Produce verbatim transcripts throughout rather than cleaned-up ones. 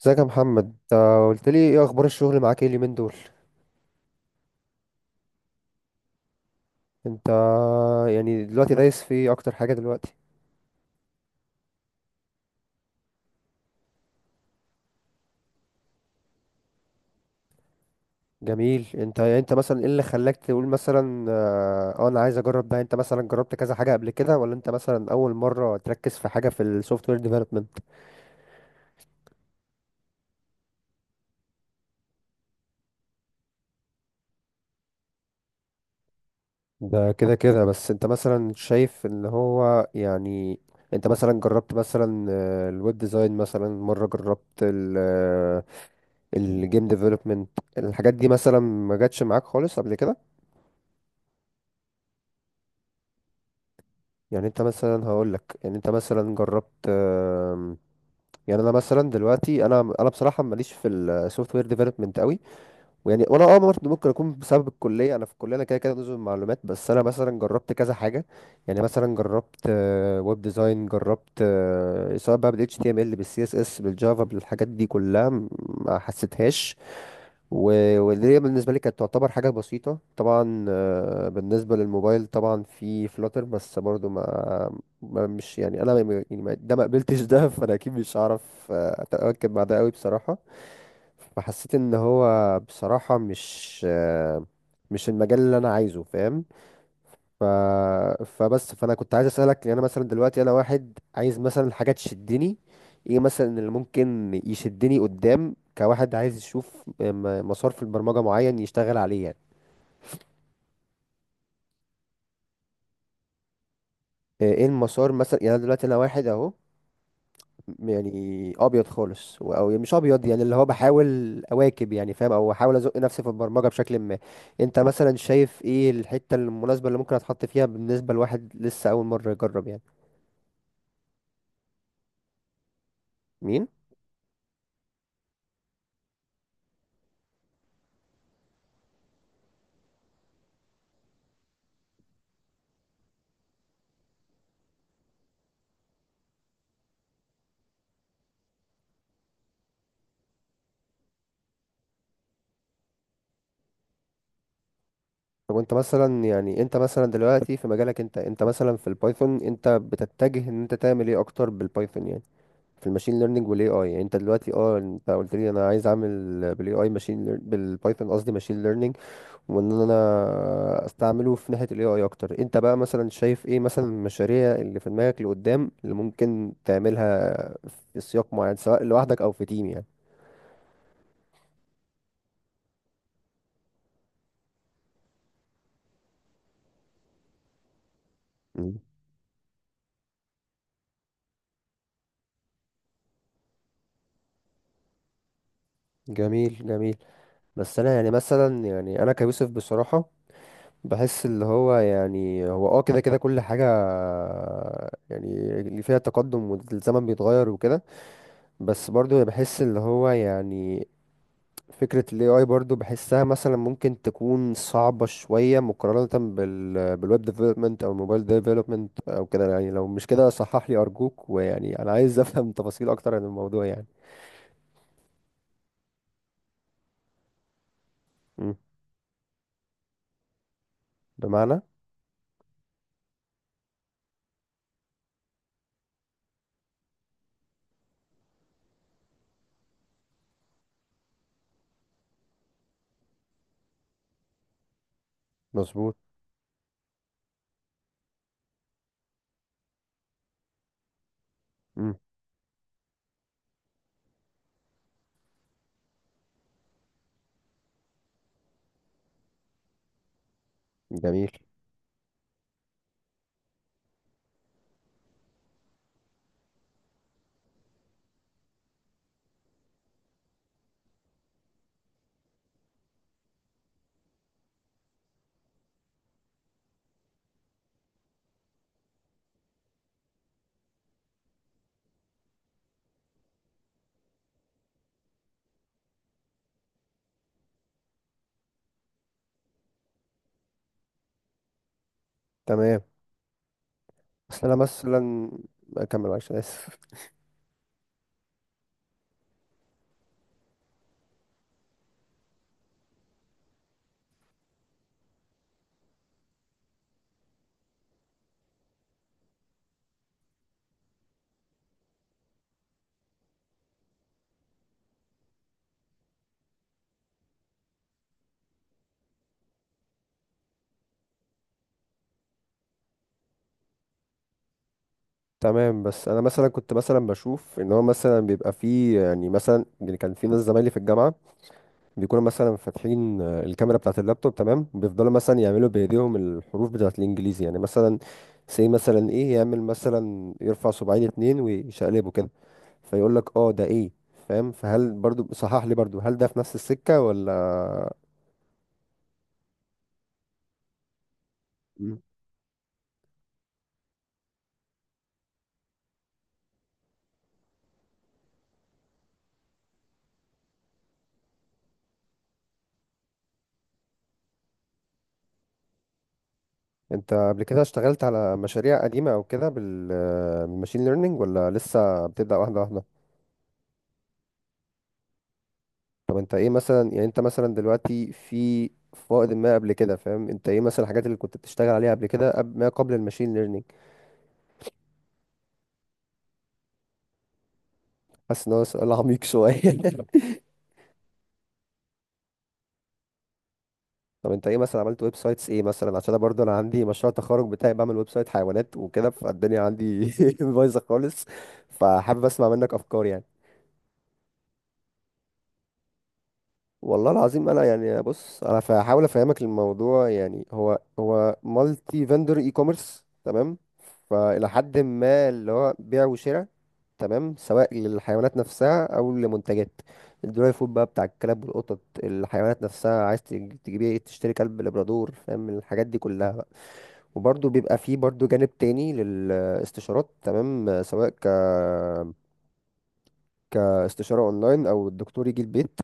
ازيك يا محمد؟ انت قلت لي ايه اخبار الشغل معاك ايه اليومين دول؟ انت يعني دلوقتي دايس في ايه اكتر حاجه دلوقتي؟ جميل. انت يعني انت مثلا ايه اللي خلاك تقول مثلا اه آه، انا عايز اجرب ده؟ انت مثلا جربت كذا حاجه قبل كده ولا انت مثلا اول مره تركز في حاجه في السوفت وير ديفلوبمنت؟ ده كده كده. بس انت مثلا شايف ان هو يعني، انت مثلا جربت مثلا آه، الويب ديزاين؟ مثلا مره جربت ال- آه، الجيم ديفلوبمنت؟ الحاجات دي مثلا ما جاتش معاك خالص قبل كده؟ يعني انت مثلا هقول لك، يعني انت مثلا جربت آم، يعني انا مثلا دلوقتي انا انا بصراحه ماليش في السوفت وير ديفلوبمنت قوي، ويعني وانا اه برضه ممكن اكون بسبب الكليه، انا في الكليه انا كده كده نظم معلومات. بس انا مثلا جربت كذا حاجه، يعني مثلا جربت ويب ديزاين، جربت، آه، سواء بقى بال H T M L بال سي إس إس بالجافا، بالحاجات دي كلها م- ما حسيتهاش، و- واللي هي بالنسبة لي كانت تعتبر حاجة بسيطة طبعا. آه، بالنسبة للموبايل طبعا في فلاتر، بس برضو ما, ما مش يعني، أنا ما- يعني ما- ده ما قبلتش ده فأنا أكيد مش هعرف آه، أتأكد بعد قوي بصراحة. فحسيت إن هو بصراحة مش آه، مش المجال اللي أنا عايزه، فاهم؟ ف... فبس، فانا كنت عايز اسالك، يعني انا مثلا دلوقتي انا واحد عايز مثلا حاجه تشدني، ايه مثلا اللي ممكن يشدني قدام، كواحد عايز يشوف م- مسار في البرمجه معين يشتغل عليه، يعني آه، ايه المسار مثلا؟ يعني أنا دلوقتي انا واحد اهو، يعني ابيض خالص و- او يعني مش ابيض، يعني اللي هو بحاول اواكب يعني، فاهم، او احاول ازق نفسي في البرمجه بشكل ما. انت مثلا شايف ايه الحته المناسبه اللي ممكن اتحط فيها بالنسبه لواحد لسه اول مره يجرب يعني؟ مين؟ طب وانت مثلا يعني، انت مثلا دلوقتي في مجالك، انت انت مثلا في البايثون، انت بتتجه ان انت تعمل ايه اكتر بالبايثون؟ يعني في الماشين ليرنينج والاي اي. يعني انت دلوقتي اه انت قلت لي انا عايز اعمل بالاي اي ماشين لير- بالبايثون قصدي ماشين ليرنينج، وان انا استعمله في ناحية الاي اي اكتر. انت بقى مثلا شايف ايه مثلا المشاريع اللي في دماغك لقدام اللي ممكن تعملها في سياق معين، سواء لوحدك او في تيم يعني؟ مم. جميل جميل. بس انا يعني مثلا، يعني انا كيوسف بصراحة بحس اللي هو يعني هو اه كده كده كل حاجة يعني اللي فيها تقدم والزمن بيتغير وكده، بس برضو بحس اللي هو يعني فكرة ال إيه آي برضو بحسها مثلا ممكن تكون صعبة شوية مقارنة بال بالويب ديفلوبمنت أو الموبايل ديفلوبمنت أو كده يعني. لو مش كده صحح لي أرجوك، ويعني أنا عايز أفهم تفاصيل أكتر عن الموضوع يعني. مم. بمعنى؟ مظبوط. مم. جميل. تمام، بس أنا مثلا، أكمل معلش أنا آسف. تمام. بس انا مثلا كنت مثلا بشوف ان هو مثلا بيبقى فيه، يعني مثلا، يعني كان في ناس زمايلي في الجامعه بيكونوا مثلا فاتحين آه، الكاميرا بتاعه اللابتوب، تمام، بيفضلوا مثلا يعملوا بايديهم الحروف بتاعه الانجليزي، يعني مثلا سي مثلا، ايه يعمل، مثلا يرفع صباعين اتنين ويشقلبه كده فيقول لك اه ده ايه، فاهم؟ فهل برضو، صحح لي برضو، هل ده في نفس السكه ولا؟ مم. انت قبل كده اشتغلت على مشاريع قديمه او كده بالماشين ليرنينج ولا لسه بتبدا واحده واحده؟ طب انت ايه مثلا، يعني انت مثلا دلوقتي في فائض ما قبل كده، فاهم، انت ايه مثلا الحاجات اللي كنت بتشتغل عليها قبل كده، قبل ما قبل الماشين ليرنينج؟ حاسس ان هو سؤال عميق شويه طب انت ايه مثلا عملت ويب سايتس ايه مثلا؟ عشان انا برضه انا عندي مشروع تخرج بتاعي بعمل ويب سايت حيوانات وكده، فالدنيا عندي بايظه خالص، فحابب اسمع منك افكار يعني. والله العظيم انا، يعني بص انا هحاول افهمك الموضوع، يعني هو هو مالتي فندر اي كوميرس تمام، فالى حد ما اللي هو بيع وشراء، تمام، سواء للحيوانات نفسها او لمنتجات، الدراي فود بقى بتاع الكلاب والقطط، الحيوانات نفسها عايز تج- تجيبي إيه؟ تشتري كلب لابرادور، فاهم، الحاجات دي كلها بقى. وبرضه بيبقى فيه برضه جانب تاني للاستشارات، تمام، سواء ك كاستشارة اونلاين او الدكتور يجي البيت.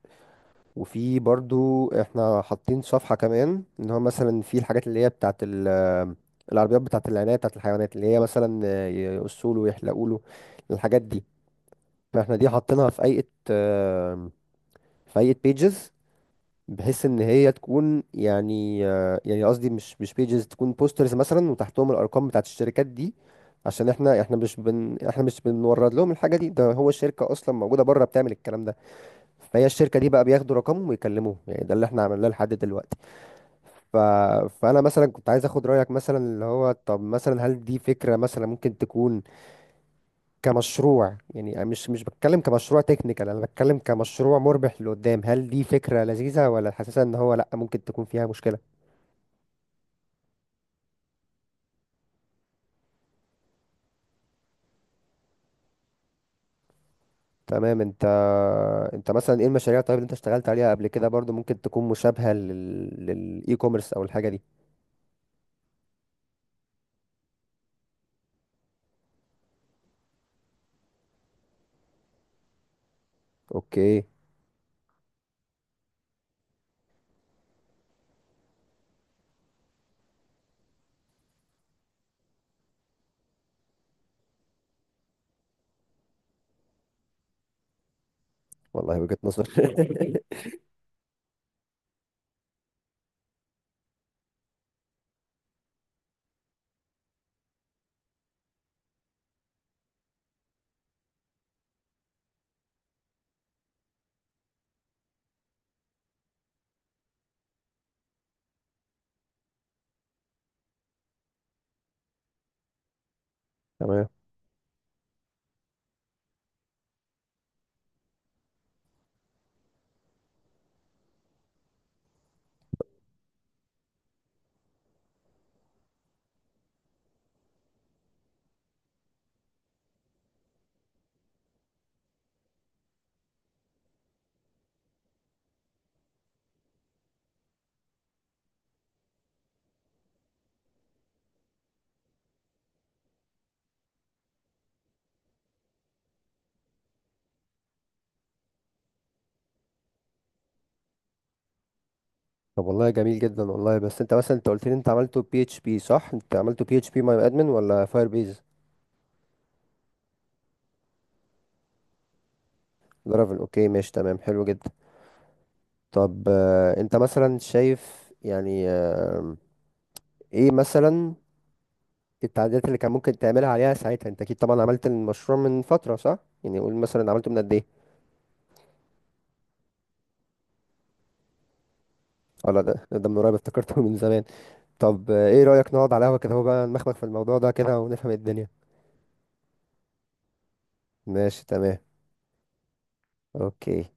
وفي برضه احنا حاطين صفحة كمان ان هو مثلا في الحاجات اللي هي بتاعت ال- العربيات بتاعت العناية بتاعت الحيوانات، اللي هي مثلا يقصوله ويحلقوله الحاجات دي. ما احنا دي حاطينها في ايقة آه، في ايقة بيجز، بحيث ان هي تكون يعني آه، يعني قصدي مش مش بيجز، تكون بوسترز مثلا وتحتهم الارقام بتاعت الشركات دي، عشان احنا احنا مش بن احنا مش بنورد لهم الحاجه دي، ده هو الشركه اصلا موجوده بره بتعمل الكلام ده، فهي الشركه دي بقى بياخدوا رقمهم ويكلموهم، يعني ده اللي احنا عملناه لحد دلوقتي. ف... فانا مثلا كنت عايز اخد رايك مثلا، اللي هو طب مثلا هل دي فكره مثلا ممكن تكون كمشروع؟ يعني مش مش بتكلم كمشروع تكنيكال، انا بتكلم كمشروع مربح لقدام، هل دي فكرة لذيذة ولا حاسسها ان هو لا ممكن تكون فيها مشكلة؟ تمام. انت، انت مثلا ايه المشاريع طيب اللي انت اشتغلت عليها قبل كده برضو، ممكن تكون مشابهة لل... للاي كوميرس او الحاجة دي؟ اوكي. والله وجهة نظر تمام. طب والله جميل جدا والله. بس انت مثلا، انت قلت لي انت عملته بي اتش بي صح؟ انت عملته بي اتش بي ماي ادمن ولا فاير بيز؟ لارافيل، اوكي، ماشي تمام، حلو جدا. طب آه، انت مثلا شايف يعني آه، ايه مثلا التعديلات اللي كان ممكن تعملها عليها ساعتها؟ انت اكيد طبعا عملت المشروع من فترة صح، يعني قول مثلا عملته من قد ايه؟ ولا ده ده من قريب افتكرته من زمان. طب آه، ايه رأيك نقعد على قهوة كده هو بقى نمخمخ في الموضوع ده كده ونفهم الدنيا؟ ماشي تمام. اوكي.